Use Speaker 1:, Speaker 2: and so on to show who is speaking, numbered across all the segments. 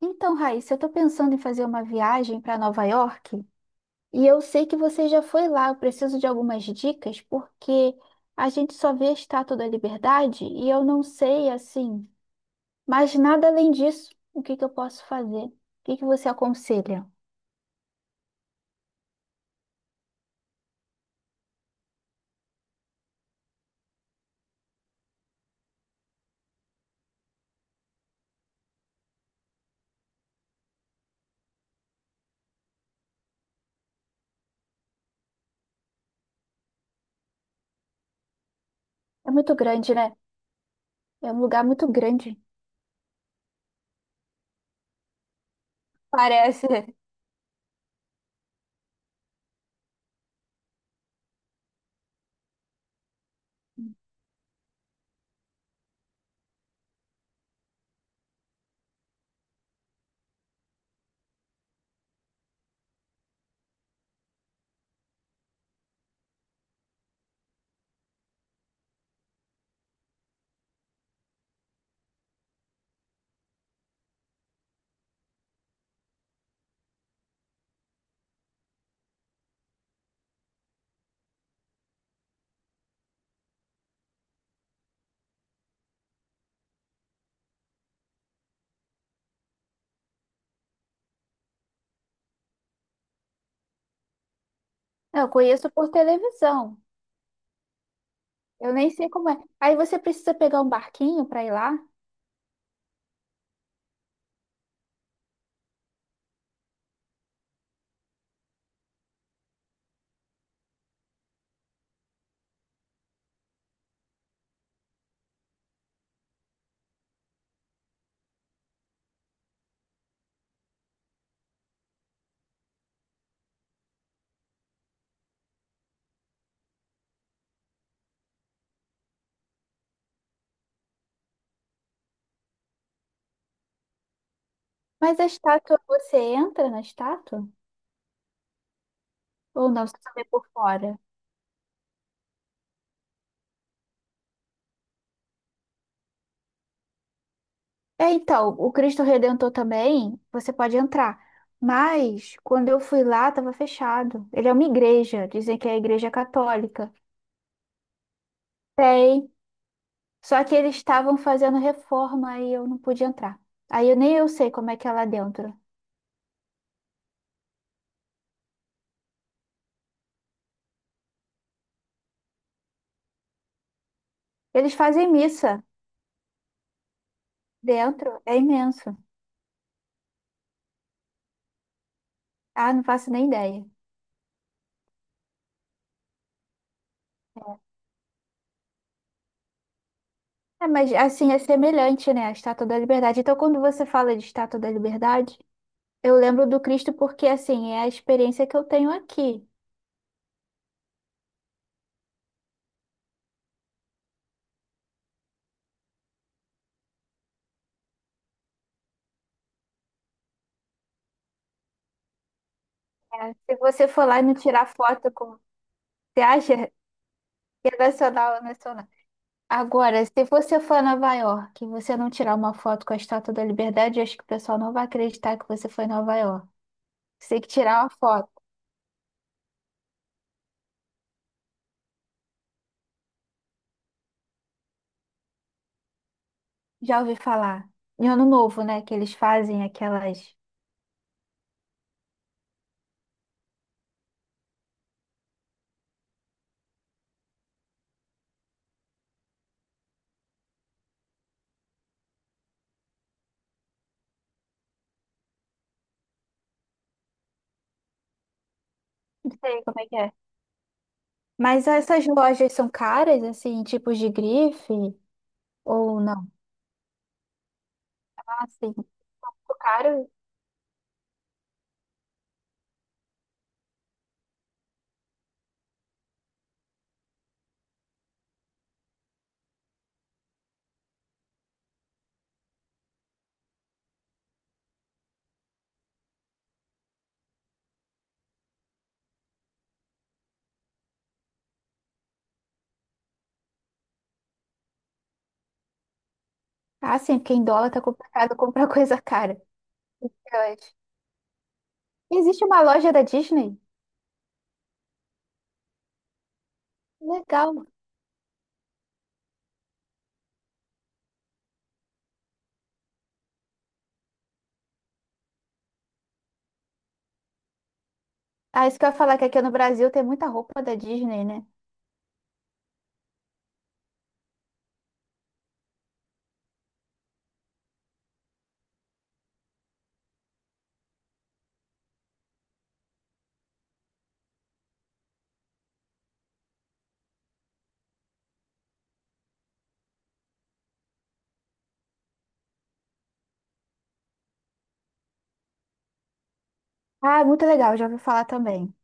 Speaker 1: Então, Raíssa, eu tô pensando em fazer uma viagem para Nova York e eu sei que você já foi lá. Eu preciso de algumas dicas porque a gente só vê a Estátua da Liberdade e eu não sei assim, mas nada além disso. O que que eu posso fazer? O que que você aconselha? É muito grande, né? É um lugar muito grande. Parece. Eu conheço por televisão. Eu nem sei como é. Aí você precisa pegar um barquinho para ir lá, mas a estátua, você entra na estátua ou não? Você só vê por fora? É, então, o Cristo Redentor também, você pode entrar. Mas quando eu fui lá, estava fechado. Ele é uma igreja, dizem que é a igreja católica. Tem. Só que eles estavam fazendo reforma e eu não pude entrar. Aí eu, nem eu sei como é que é lá dentro. Eles fazem missa dentro, é imenso. Ah, não faço nem ideia. É, mas assim, é semelhante, né? A Estátua da Liberdade. Então, quando você fala de Estátua da Liberdade, eu lembro do Cristo porque, assim, é a experiência que eu tenho aqui. Se você for lá e me tirar foto com. Você acha que é nacional ou nacional? Agora, se você for a Nova York e você não tirar uma foto com a Estátua da Liberdade, eu acho que o pessoal não vai acreditar que você foi em Nova York. Você tem que tirar uma foto. Já ouvi falar. Em Ano Novo, né? Que eles fazem aquelas. Não sei como é que é. Mas essas lojas são caras, assim, tipos de grife? Ou não? Ah, sim. Ficou caro? Ah, sim, porque em dólar tá complicado comprar coisa cara. Eu acho. Existe uma loja da Disney? Legal. Ah, isso que eu ia falar, que aqui no Brasil tem muita roupa da Disney, né? Ah, muito legal, já ouvi falar também.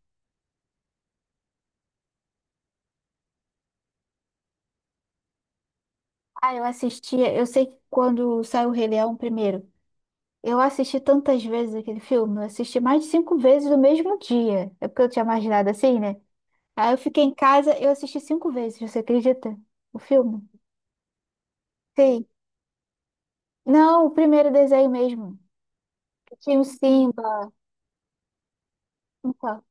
Speaker 1: Ah, eu assistia, eu sei que quando saiu o Rei Leão primeiro, eu assisti tantas vezes aquele filme, eu assisti mais de cinco vezes no mesmo dia. É porque eu tinha imaginado assim, né? Aí eu fiquei em casa, eu assisti cinco vezes, você acredita? O filme? Sim. Não, o primeiro desenho mesmo. Que tinha o Simba. Então,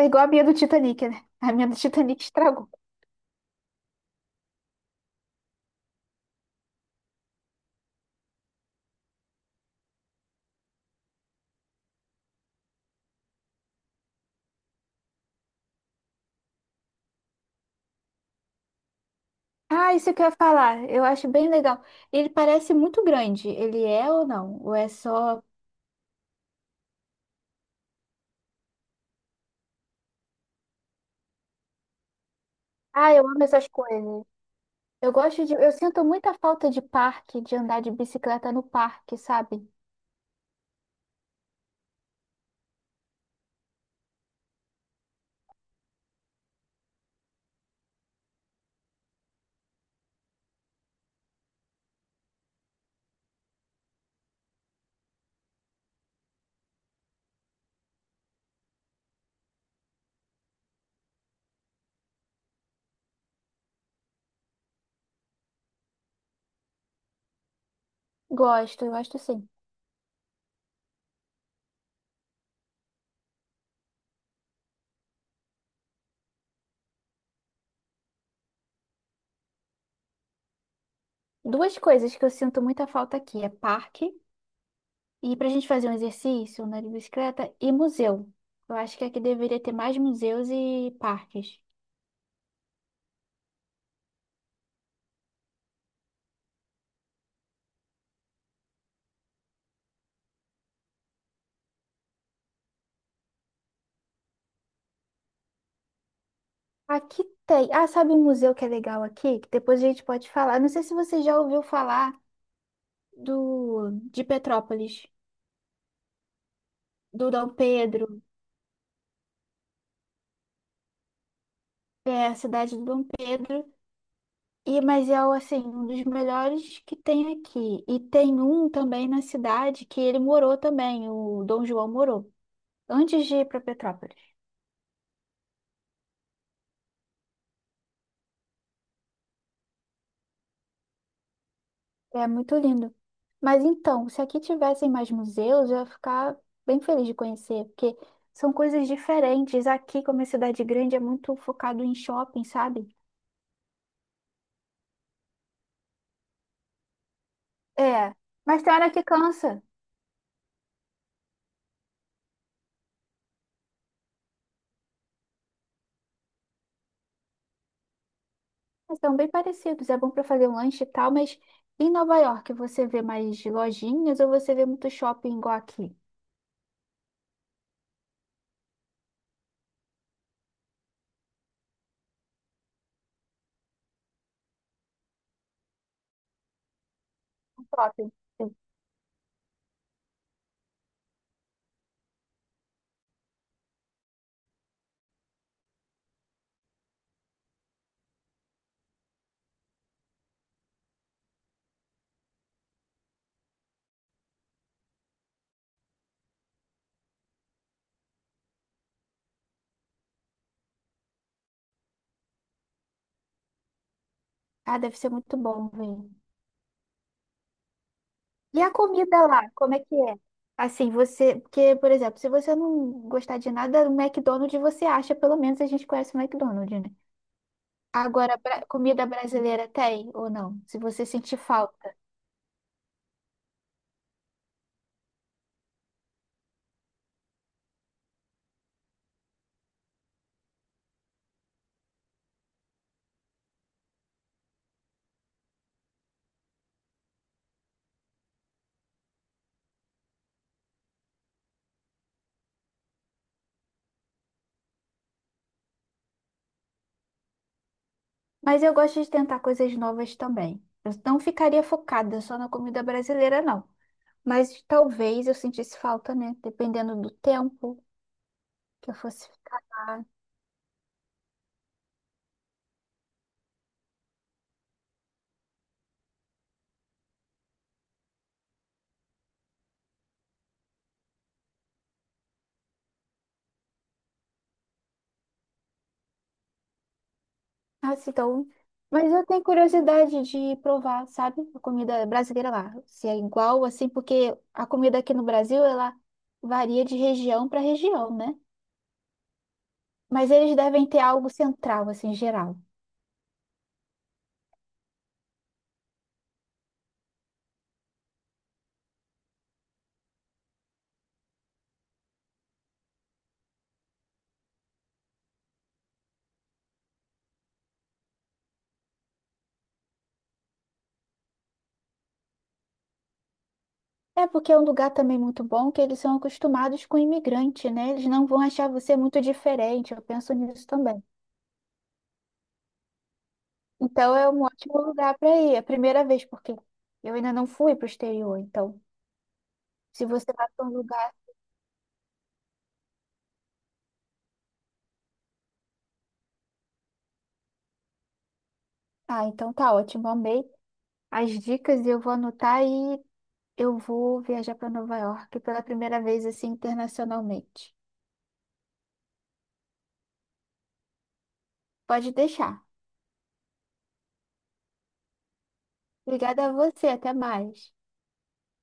Speaker 1: é igual a minha do Titanic, né? A minha do Titanic estragou. Ah, isso que eu ia falar. Eu acho bem legal. Ele parece muito grande. Ele é ou não? Ou é só. Ah, eu amo essas coisas. Eu gosto de. Eu sinto muita falta de parque, de andar de bicicleta no parque, sabe? Gosto, eu gosto sim. Duas coisas que eu sinto muita falta aqui é parque e pra gente fazer um exercício, andar de bicicleta e museu. Eu acho que aqui deveria ter mais museus e parques. Aqui tem. Ah, sabe um museu que é legal aqui? Que depois a gente pode falar. Não sei se você já ouviu falar. Do de Petrópolis, do Dom Pedro, é a cidade do Dom Pedro. E mas é o, assim, um dos melhores que tem aqui. E tem um também na cidade que ele morou também, o Dom João morou, antes de ir para Petrópolis. É muito lindo. Mas então, se aqui tivessem mais museus, eu ia ficar bem feliz de conhecer, porque são coisas diferentes. Aqui, como é cidade grande, é muito focado em shopping, sabe? É, mas tem hora que cansa. Mas são bem parecidos, é bom para fazer um lanche e tal, mas em Nova York você vê mais lojinhas ou você vê muito shopping igual aqui? Shopping. Sim. Ah, deve ser muito bom, vem. E a comida lá, como é que é? Assim, você, porque, por exemplo, se você não gostar de nada, o McDonald's você acha, pelo menos a gente conhece o McDonald's, né? Agora, bra- comida brasileira tem ou não? Se você sentir falta. Mas eu gosto de tentar coisas novas também. Eu não ficaria focada só na comida brasileira, não. Mas talvez eu sentisse falta, né? Dependendo do tempo que eu fosse ficar lá. Nossa, então. Mas eu tenho curiosidade de provar, sabe? A comida brasileira lá. Se é igual, assim, porque a comida aqui no Brasil, ela varia de região para região, né? Mas eles devem ter algo central, assim, geral. É porque é um lugar também muito bom que eles são acostumados com imigrante, né? Eles não vão achar você muito diferente. Eu penso nisso também. Então é um ótimo lugar para ir. É a primeira vez, porque eu ainda não fui para o exterior. Então, se você vai para um lugar. Ah, então tá ótimo. Amei as dicas eu vou anotar e eu vou viajar para Nova York pela primeira vez, assim, internacionalmente. Pode deixar. Obrigada a você. Até mais.